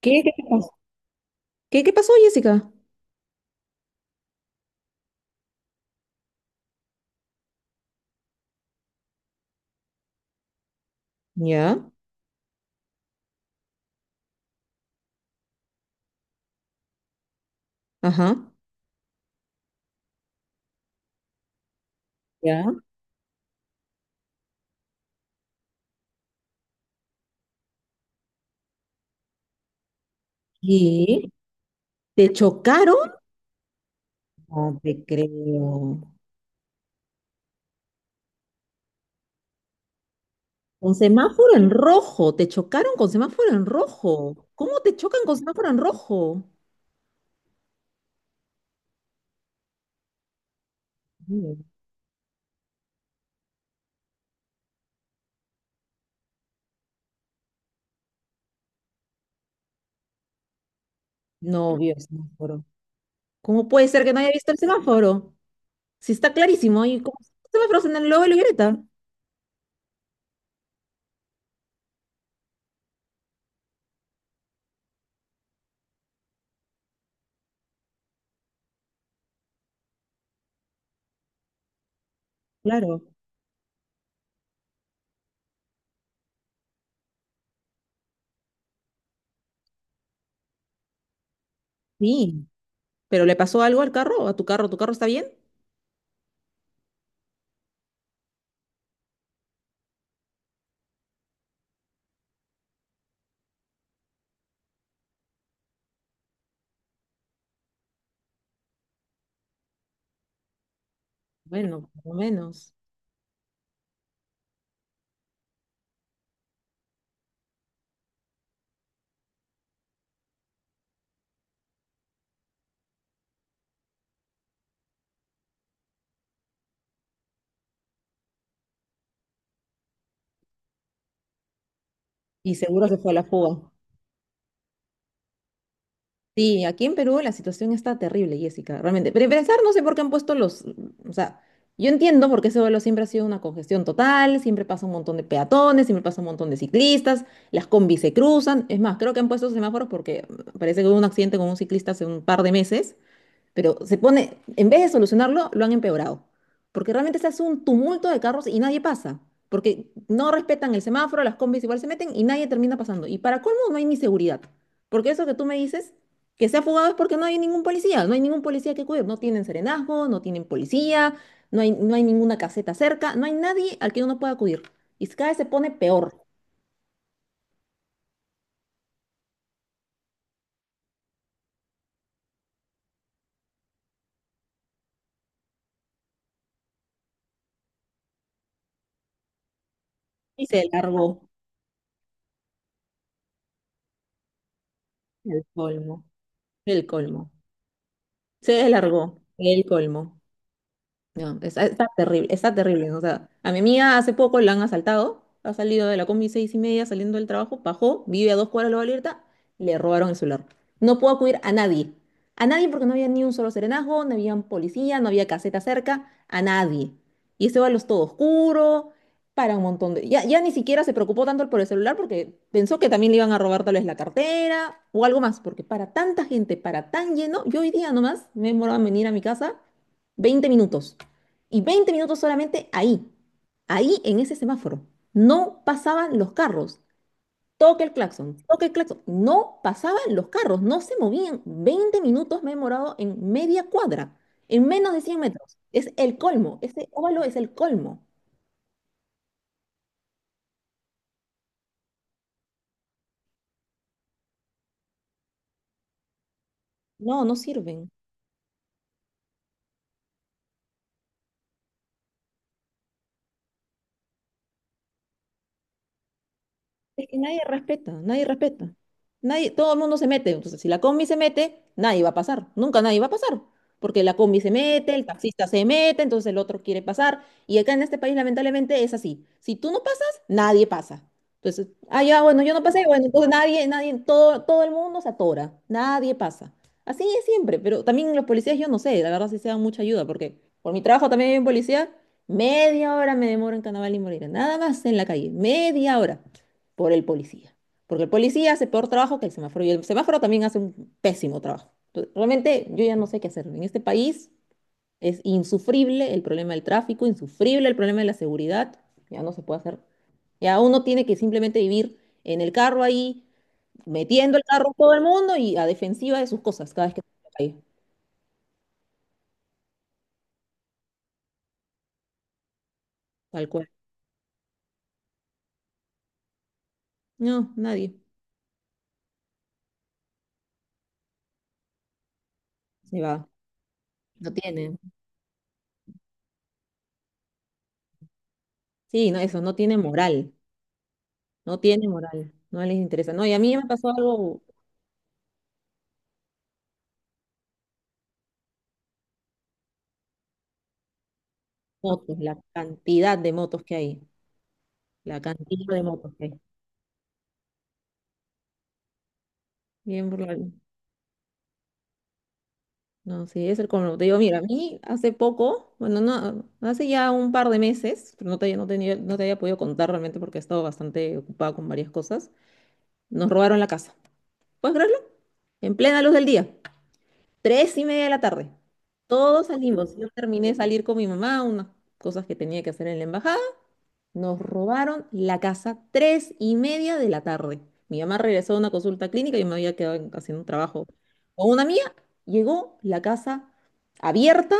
¿Qué pasó? ¿Qué pasó, Jessica? Ya, ajá, ya. ¿Y te chocaron? No te creo. Con semáforo en rojo, te chocaron con semáforo en rojo. ¿Cómo te chocan con semáforo en rojo? Mm, No vio el semáforo. ¿Cómo puede ser que no haya visto el semáforo? Si está clarísimo, ¿y cómo están los semáforos en el logo de la libreta? Claro, sí. ¿Pero le pasó algo al carro? ¿A tu carro? ¿Tu carro está bien? Bueno, por lo menos. Y seguro se fue a la fuga. Sí, aquí en Perú la situación está terrible, Jessica, realmente. Pero en pensar, no sé por qué han puesto los... O sea, yo entiendo por qué ese vuelo siempre ha sido una congestión total, siempre pasa un montón de peatones, siempre pasa un montón de ciclistas, las combis se cruzan. Es más, creo que han puesto semáforos porque parece que hubo un accidente con un ciclista hace un par de meses, pero se pone, en vez de solucionarlo, lo han empeorado. Porque realmente se hace un tumulto de carros y nadie pasa. Porque no respetan el semáforo, las combis igual se meten y nadie termina pasando. Y para colmo no hay ni seguridad. Porque eso que tú me dices, que se ha fugado es porque no hay ningún policía. No hay ningún policía que cubrir. No tienen serenazgo, no tienen policía, no hay ninguna caseta cerca, no hay nadie al que uno pueda acudir. Y cada vez se pone peor. Y se largó el colmo. El colmo. Se largó el colmo. No, está terrible, está terrible. ¿No? O sea, a mi amiga hace poco la han asaltado, ha salido de la combi 6:30 saliendo del trabajo, bajó, vive a 2 cuadras de la Vallarta, le robaron el celular. No pudo acudir a nadie porque no había ni un solo serenazgo, no había un policía, no había caseta cerca, a nadie. Y ese es todo oscuro, para un montón de... Ya, ya ni siquiera se preocupó tanto por el celular porque pensó que también le iban a robar tal vez la cartera o algo más, porque para tanta gente, para tan lleno, yo hoy día nomás me demoraba en venir a mi casa 20 minutos. Y 20 minutos solamente ahí en ese semáforo. No pasaban los carros. Toque el claxon, toque el claxon. No pasaban los carros, no se movían. 20 minutos me he demorado en media cuadra, en menos de 100 metros. Es el colmo, ese óvalo es el colmo. No, no sirven. Es que nadie respeta, nadie respeta. Nadie, todo el mundo se mete. Entonces, si la combi se mete, nadie va a pasar. Nunca nadie va a pasar. Porque la combi se mete, el taxista se mete, entonces el otro quiere pasar. Y acá en este país, lamentablemente, es así. Si tú no pasas, nadie pasa. Entonces, ah, ya, bueno, yo no pasé, bueno, entonces nadie, todo el mundo se atora. Nadie pasa. Así es siempre. Pero también los policías, yo no sé, la verdad sí se dan mucha ayuda, porque por mi trabajo también hay un policía. Media hora me demoro en Carnaval y Moreira. Nada más en la calle. Media hora por el policía. Porque el policía hace peor trabajo que el semáforo y el semáforo también hace un pésimo trabajo. Entonces, realmente yo ya no sé qué hacer. En este país es insufrible el problema del tráfico, insufrible el problema de la seguridad. Ya no se puede hacer. Ya uno tiene que simplemente vivir en el carro ahí, metiendo el carro todo el mundo y a defensiva de sus cosas cada vez que sale a la calle. Tal cual. No, nadie se va. No tiene. Sí, no, eso, no tiene moral. No tiene moral. No les interesa. No, y a mí me pasó algo. Motos, la cantidad de motos que hay, la cantidad de motos que hay. Bien brutal. No, sí, es el como te digo, mira, a mí hace poco, bueno, no, hace ya un par de meses, pero no te había podido contar realmente porque he estado bastante ocupada con varias cosas. Nos robaron la casa. ¿Puedes creerlo? En plena luz del día, 3:30 de la tarde. Todos salimos. Yo terminé de salir con mi mamá, unas cosas que tenía que hacer en la embajada. Nos robaron la casa 3:30 de la tarde. Mi mamá regresó de una consulta clínica y yo me había quedado haciendo un trabajo con una mía. Llegó la casa abierta,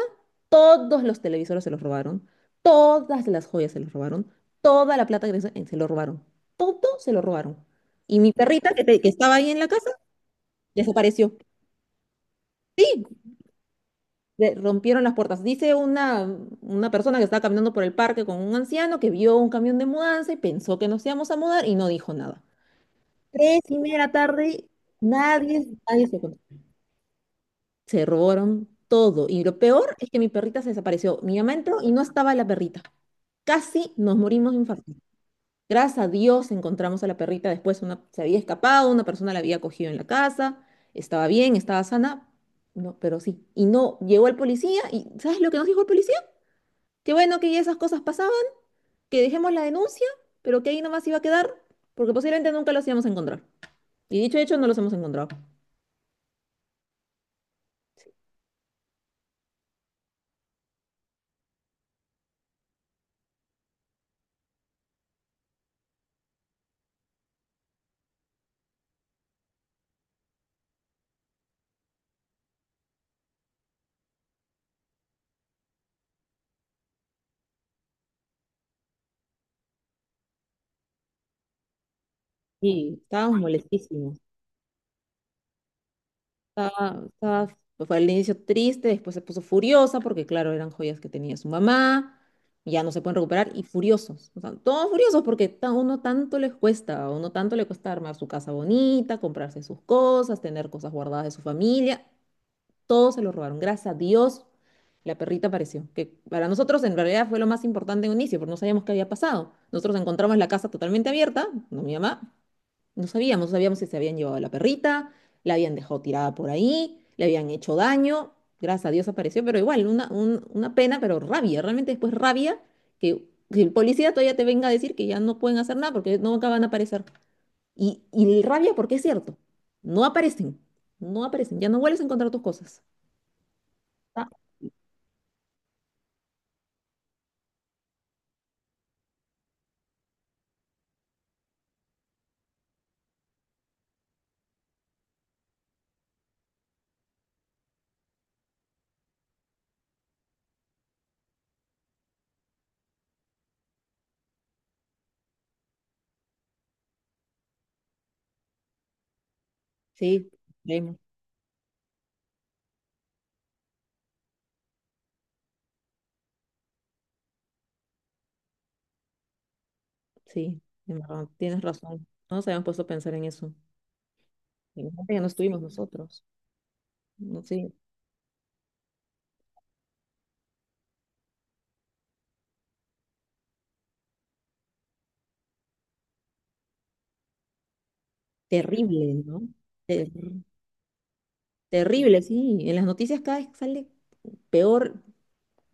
todos los televisores se los robaron, todas las joyas se los robaron, toda la plata que tenían se lo robaron, todo se lo robaron. Y mi perrita que estaba ahí en la casa desapareció. Sí, le rompieron las puertas. Dice una persona que estaba caminando por el parque con un anciano que vio un camión de mudanza y pensó que nos íbamos a mudar y no dijo nada. Tres y media de la tarde, nadie se contó. Se robaron todo. Y lo peor es que mi perrita se desapareció. Mi mamá entró y no estaba la perrita. Casi nos morimos de infarto. Gracias a Dios encontramos a la perrita. Después se había escapado, una persona la había cogido en la casa. Estaba bien, estaba sana. No, pero sí. Y no, llegó el policía y ¿sabes lo que nos dijo el policía? Qué bueno que ya esas cosas pasaban, que dejemos la denuncia, pero que ahí nomás iba a quedar, porque posiblemente nunca los íbamos a encontrar. Y dicho y hecho, no los hemos encontrado. Sí, estábamos molestísimos. Estaba, estaba- Fue al inicio triste, después se puso furiosa, porque claro, eran joyas que tenía su mamá, y ya no se pueden recuperar, y furiosos. O sea, todos furiosos porque uno tanto les cuesta, a uno tanto le cuesta armar su casa bonita, comprarse sus cosas, tener cosas guardadas de su familia. Todo se lo robaron. Gracias a Dios, la perrita apareció. Que para nosotros en realidad fue lo más importante en un inicio, porque no sabíamos qué había pasado. Nosotros encontramos la casa totalmente abierta, no mi mamá, no sabíamos si se habían llevado a la perrita, la habían dejado tirada por ahí, le habían hecho daño. Gracias a Dios apareció, pero igual, una pena, pero rabia, realmente después rabia que, que el policía todavía te venga a decir que ya no pueden hacer nada porque no acaban a aparecer. Y rabia porque es cierto, no aparecen, no aparecen, ya no vuelves a encontrar tus cosas. Ah, sí, Damon, sí, en verdad, tienes razón. No nos habíamos puesto a pensar en eso. Imagínate que no estuvimos nosotros. No sé, terrible, ¿no? Ter- Terrible, sí. En las noticias cada vez sale peor.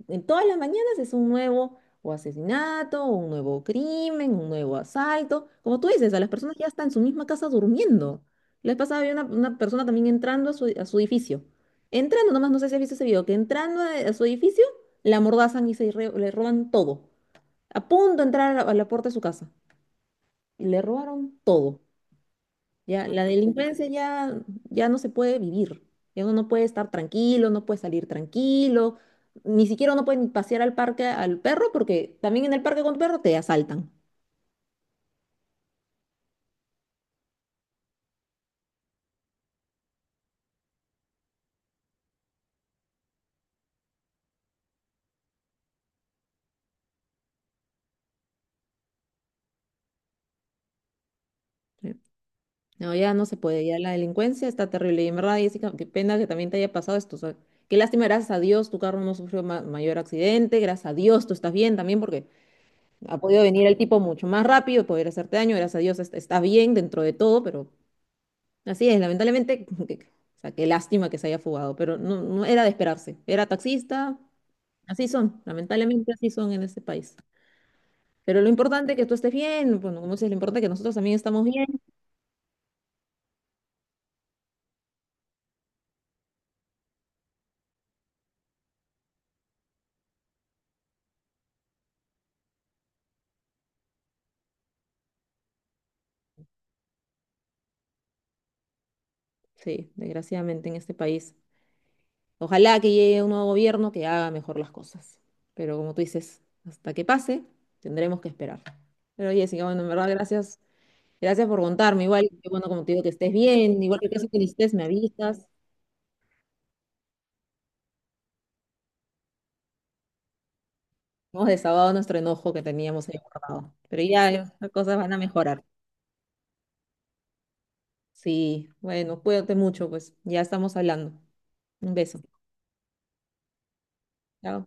En todas las mañanas es un nuevo o asesinato, un nuevo crimen, un nuevo asalto. Como tú dices, a las personas ya están en su misma casa durmiendo. La vez pasada había una persona también entrando a su edificio. Entrando, nomás no sé si has visto ese video, que entrando a su edificio, la amordazan y le roban todo. A punto de entrar a la puerta de su casa. Y le robaron todo. Ya, la delincuencia ya no se puede vivir. Ya uno no puede estar tranquilo, no puede salir tranquilo. Ni siquiera uno puede ni pasear al parque al perro porque también en el parque con tu perro te asaltan. Sí. No, ya no se puede. Ya la delincuencia está terrible. Y en verdad, Jessica, qué pena que también te haya pasado esto. O sea, qué lástima, gracias a Dios tu carro no sufrió mayor accidente. Gracias a Dios tú estás bien también porque ha podido venir el tipo mucho más rápido, poder hacerte daño. Gracias a Dios estás bien dentro de todo, pero así es, lamentablemente, o sea, qué lástima que se haya fugado, pero no, no era de esperarse. Era taxista, así son, lamentablemente así son en este país. Pero lo importante es que tú estés bien, bueno, como dices, lo importante es que nosotros también estamos bien. Sí, desgraciadamente en este país. Ojalá que llegue un nuevo gobierno que haga mejor las cosas. Pero como tú dices, hasta que pase, tendremos que esperar. Pero Jessica, bueno, en verdad, gracias, gracias por contarme. Igual, que, bueno, como te digo, que estés bien, igual que caso que necesites, me avisas. Hemos desahogado nuestro enojo que teníamos ahí guardado. Pero ya las cosas van a mejorar. Sí, bueno, cuídate mucho, pues ya estamos hablando. Un beso. Chao.